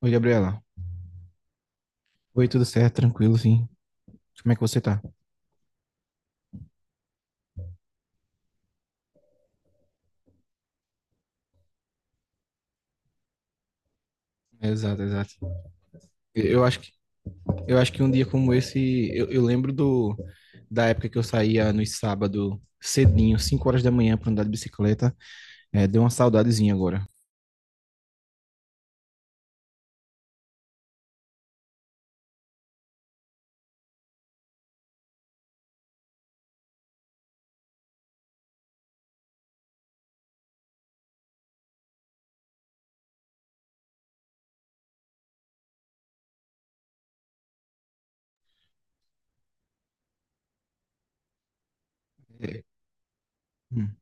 Oi, Gabriela. Oi, tudo certo? Tranquilo, sim. Como é que você tá? Exato, exato. Eu acho que, eu acho que um dia como esse, eu lembro da época que eu saía no sábado cedinho, 5 horas da manhã pra andar de bicicleta. É, deu uma saudadezinha agora. Hum.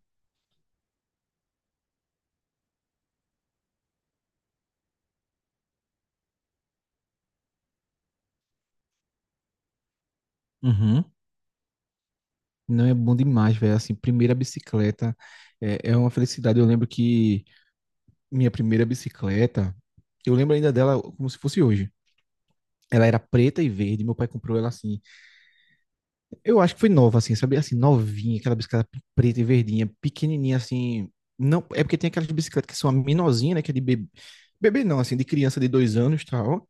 Uhum. Não é bom demais, velho. Assim, primeira bicicleta é uma felicidade. Eu lembro que minha primeira bicicleta, eu lembro ainda dela como se fosse hoje. Ela era preta e verde. Meu pai comprou ela assim. Eu acho que foi nova, assim, sabe? Assim, novinha, aquela bicicleta preta e verdinha, pequenininha, assim. Não, é porque tem aquelas bicicletas que são a menorzinha, né? Que é de bebê. Bebê não, assim, de criança de 2 anos e tal.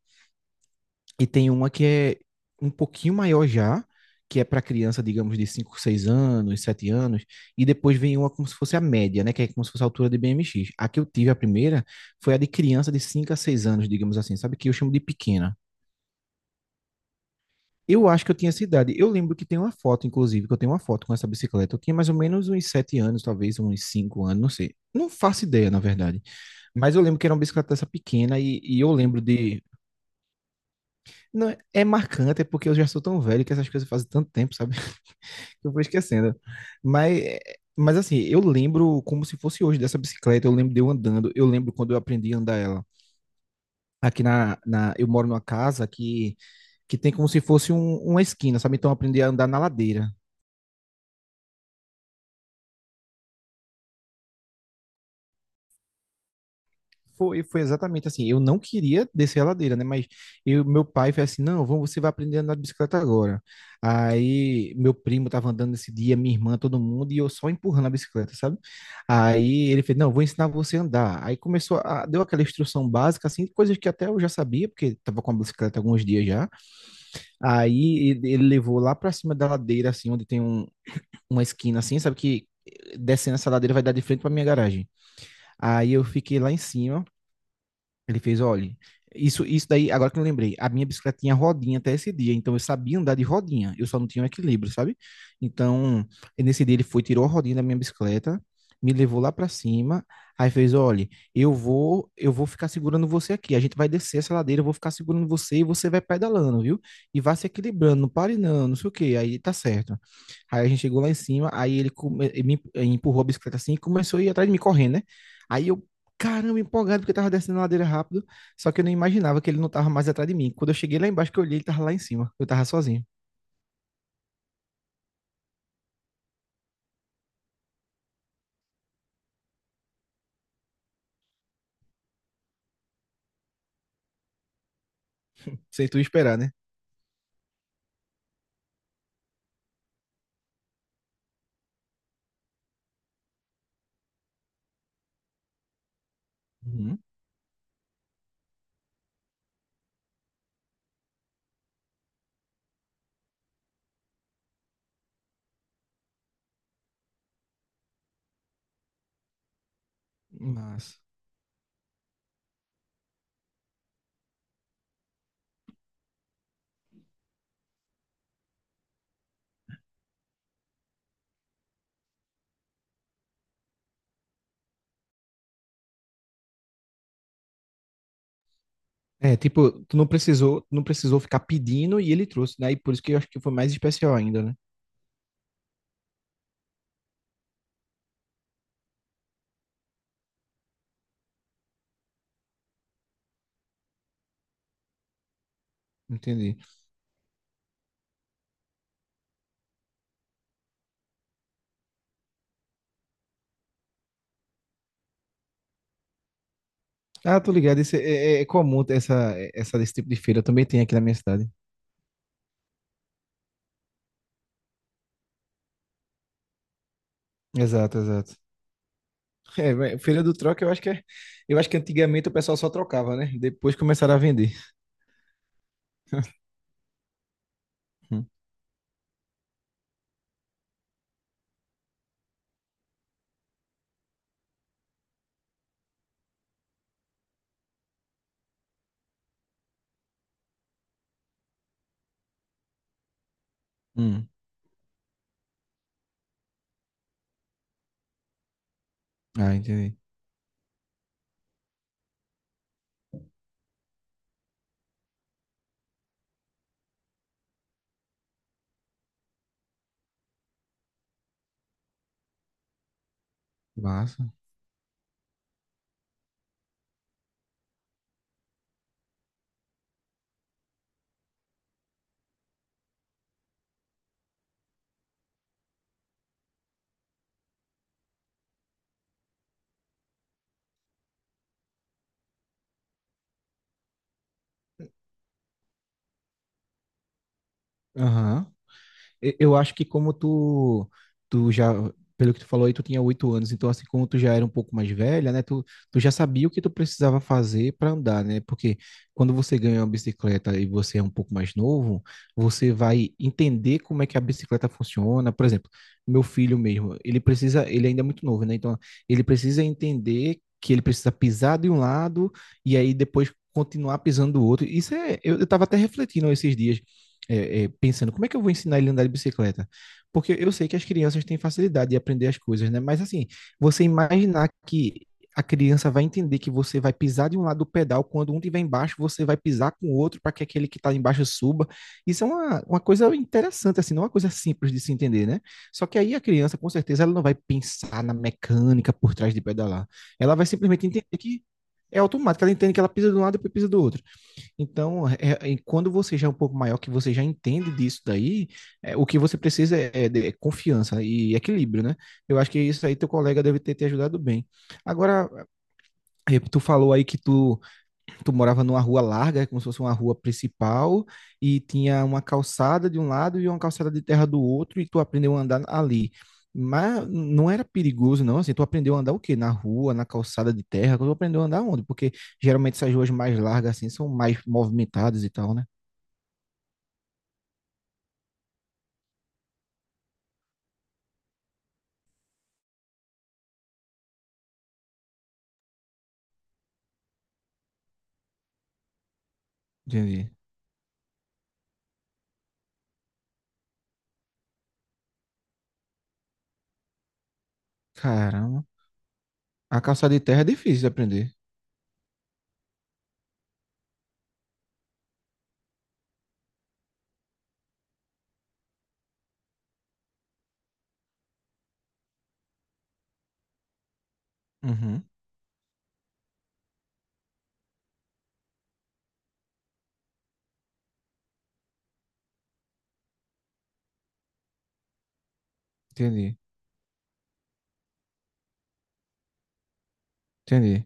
E tem uma que é um pouquinho maior já, que é para criança, digamos, de 5, 6 anos, 7 anos, e depois vem uma como se fosse a média, né, que é como se fosse a altura de BMX. A que eu tive a primeira foi a de criança de 5 a 6 anos, digamos assim, sabe que eu chamo de pequena. Eu acho que eu tinha essa idade. Eu lembro que tem uma foto, inclusive, que eu tenho uma foto com essa bicicleta. Eu tinha mais ou menos uns 7 anos, talvez uns 5 anos, não sei. Não faço ideia, na verdade. Mas eu lembro que era uma bicicleta dessa pequena e eu lembro de. Não, é marcante, é porque eu já sou tão velho que essas coisas fazem tanto tempo, sabe? Que eu vou esquecendo. Mas, mas assim, eu lembro como se fosse hoje dessa bicicleta. Eu lembro de eu andando. Eu lembro quando eu aprendi a andar ela. Aqui eu moro numa casa que tem como se fosse uma esquina, sabe? Então eu aprendi a andar na ladeira. Foi exatamente assim. Eu não queria descer a ladeira, né? Mas meu pai foi assim: não, vamos, você vai aprender a andar de bicicleta agora. Aí meu primo estava andando esse dia, minha irmã, todo mundo, e eu só empurrando a bicicleta, sabe? Aí ele fez: não, vou ensinar você a andar. Aí começou, deu aquela instrução básica, assim, coisas que até eu já sabia, porque estava com a bicicleta há alguns dias já. Aí ele levou lá para cima da ladeira, assim, onde tem uma esquina, assim, sabe? Que descendo essa ladeira vai dar de frente para minha garagem. Aí eu fiquei lá em cima ele fez: olha, isso daí, agora que eu lembrei, a minha bicicleta tinha rodinha até esse dia, então eu sabia andar de rodinha, eu só não tinha um equilíbrio, sabe? Então, nesse dia ele foi, tirou a rodinha da minha bicicleta, me levou lá pra cima, aí fez: olha, eu vou ficar segurando você aqui, a gente vai descer essa ladeira, eu vou ficar segurando você e você vai pedalando, viu? E vai se equilibrando, não pare não, não sei o quê, aí tá certo. Aí a gente chegou lá em cima, aí ele me empurrou a bicicleta assim e começou a ir atrás de mim correndo, né? Aí eu caramba, empolgado, porque eu tava descendo a ladeira rápido. Só que eu não imaginava que ele não tava mais atrás de mim. Quando eu cheguei lá embaixo, que eu olhei, ele tava lá em cima. Eu tava sozinho. Sem tu esperar, né? Uhum. Mas. É, tipo, tu não precisou, não precisou ficar pedindo e ele trouxe, né? E por isso que eu acho que foi mais especial ainda, né? Entendi. Ah, tô ligado, esse, é, é comum ter esse tipo de feira, também tem aqui na minha cidade. Exato, exato. É, mas feira do troca, eu acho que é... eu acho que antigamente o pessoal só trocava, né? Depois começaram a vender. Hum. Hum. Ah, entendi. Massa. Aham. Eu acho que como tu, tu já, pelo que tu falou aí, tu tinha 8 anos, então assim como tu já era um pouco mais velha, né, tu já sabia o que tu precisava fazer para andar, né? Porque quando você ganha uma bicicleta e você é um pouco mais novo, você vai entender como é que a bicicleta funciona. Por exemplo, meu filho mesmo, ele ainda é muito novo, né? Então ele precisa entender que ele precisa pisar de um lado e aí depois continuar pisando do outro. Isso é, eu estava até refletindo esses dias pensando como é que eu vou ensinar ele a andar de bicicleta? Porque eu sei que as crianças têm facilidade de aprender as coisas, né? Mas assim, você imaginar que a criança vai entender que você vai pisar de um lado do pedal, quando um estiver embaixo, você vai pisar com o outro para que aquele que está embaixo suba. Isso é uma coisa interessante, assim, não é uma coisa simples de se entender, né? Só que aí a criança, com certeza, ela não vai pensar na mecânica por trás de pedalar. Ela vai simplesmente entender que é automático, ela entende que ela pisa de um lado e depois pisa do outro. Então, quando você já é um pouco maior, que você já entende disso daí, é, o que você precisa é, é confiança e equilíbrio, né? Eu acho que isso aí teu colega deve ter te ajudado bem. Agora, tu falou aí que tu morava numa rua larga, como se fosse uma rua principal, e tinha uma calçada de um lado e uma calçada de terra do outro, e tu aprendeu a andar ali. Mas não era perigoso, não. Assim, tu aprendeu a andar o quê? Na rua, na calçada de terra? Tu aprendeu a andar onde? Porque geralmente essas ruas mais largas, assim, são mais movimentadas e tal, né? Entendi. Caramba. A calçada de terra é difícil de aprender. Uhum. Entendi. Entendi.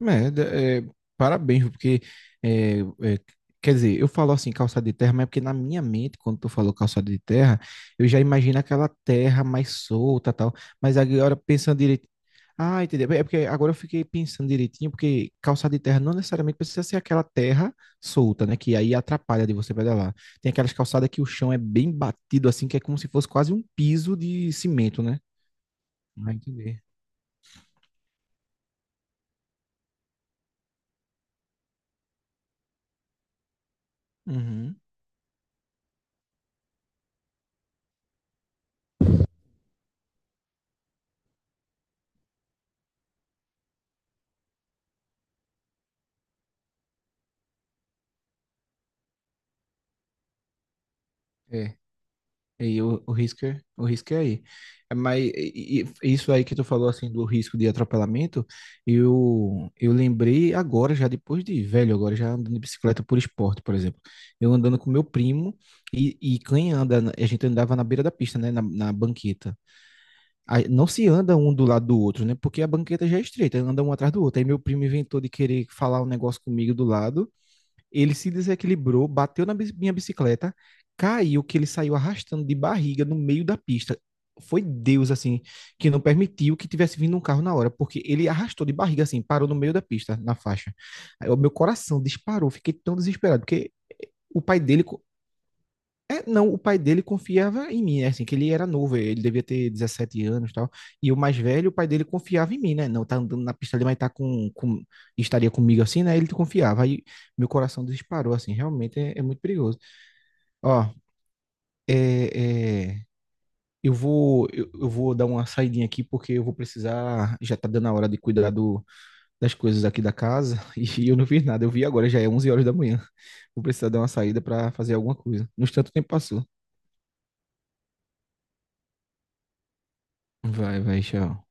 Merda, parabéns, porque, é, é, quer dizer, eu falo assim, calçada de terra, mas é porque na minha mente, quando tu falou calçada de terra, eu já imagino aquela terra mais solta tal, mas agora pensando direito, ah, entendeu? É porque agora eu fiquei pensando direitinho, porque calçada de terra não necessariamente precisa ser aquela terra solta, né, que aí atrapalha de você pedalar. Tem aquelas calçadas que o chão é bem batido assim, que é como se fosse quase um piso de cimento, né? Ah, entendi. Uhum. É. E aí o o risco é aí. É, mas isso aí que tu falou assim do risco de atropelamento, eu lembrei agora já depois de velho, agora já andando de bicicleta por esporte, por exemplo. Eu andando com meu primo quem anda, a gente andava na beira da pista, né, na banqueta. Aí não se anda um do lado do outro, né? Porque a banqueta já é estreita, anda um atrás do outro. Aí meu primo inventou de querer falar um negócio comigo do lado. Ele se desequilibrou, bateu na minha bicicleta, caiu, que ele saiu arrastando de barriga no meio da pista. Foi Deus, assim, que não permitiu que tivesse vindo um carro na hora, porque ele arrastou de barriga, assim, parou no meio da pista, na faixa. Aí o meu coração disparou, fiquei tão desesperado, porque o pai dele é, não, o pai dele confiava em mim, né? Assim, que ele era novo, ele devia ter 17 anos e tal. E o mais velho, o pai dele confiava em mim, né? Não, tá andando na pista ali, mas tá estaria comigo assim, né? Ele confiava. Aí meu coração disparou, assim, realmente é muito perigoso. Ó, é, é, eu vou dar uma saidinha aqui, porque eu vou precisar, já tá dando a hora de cuidar das coisas aqui da casa, e eu não fiz nada, eu vi agora, já é 11 horas da manhã. Vou precisar dar uma saída para fazer alguma coisa. No tanto tempo passou. Vai, vai, tchau.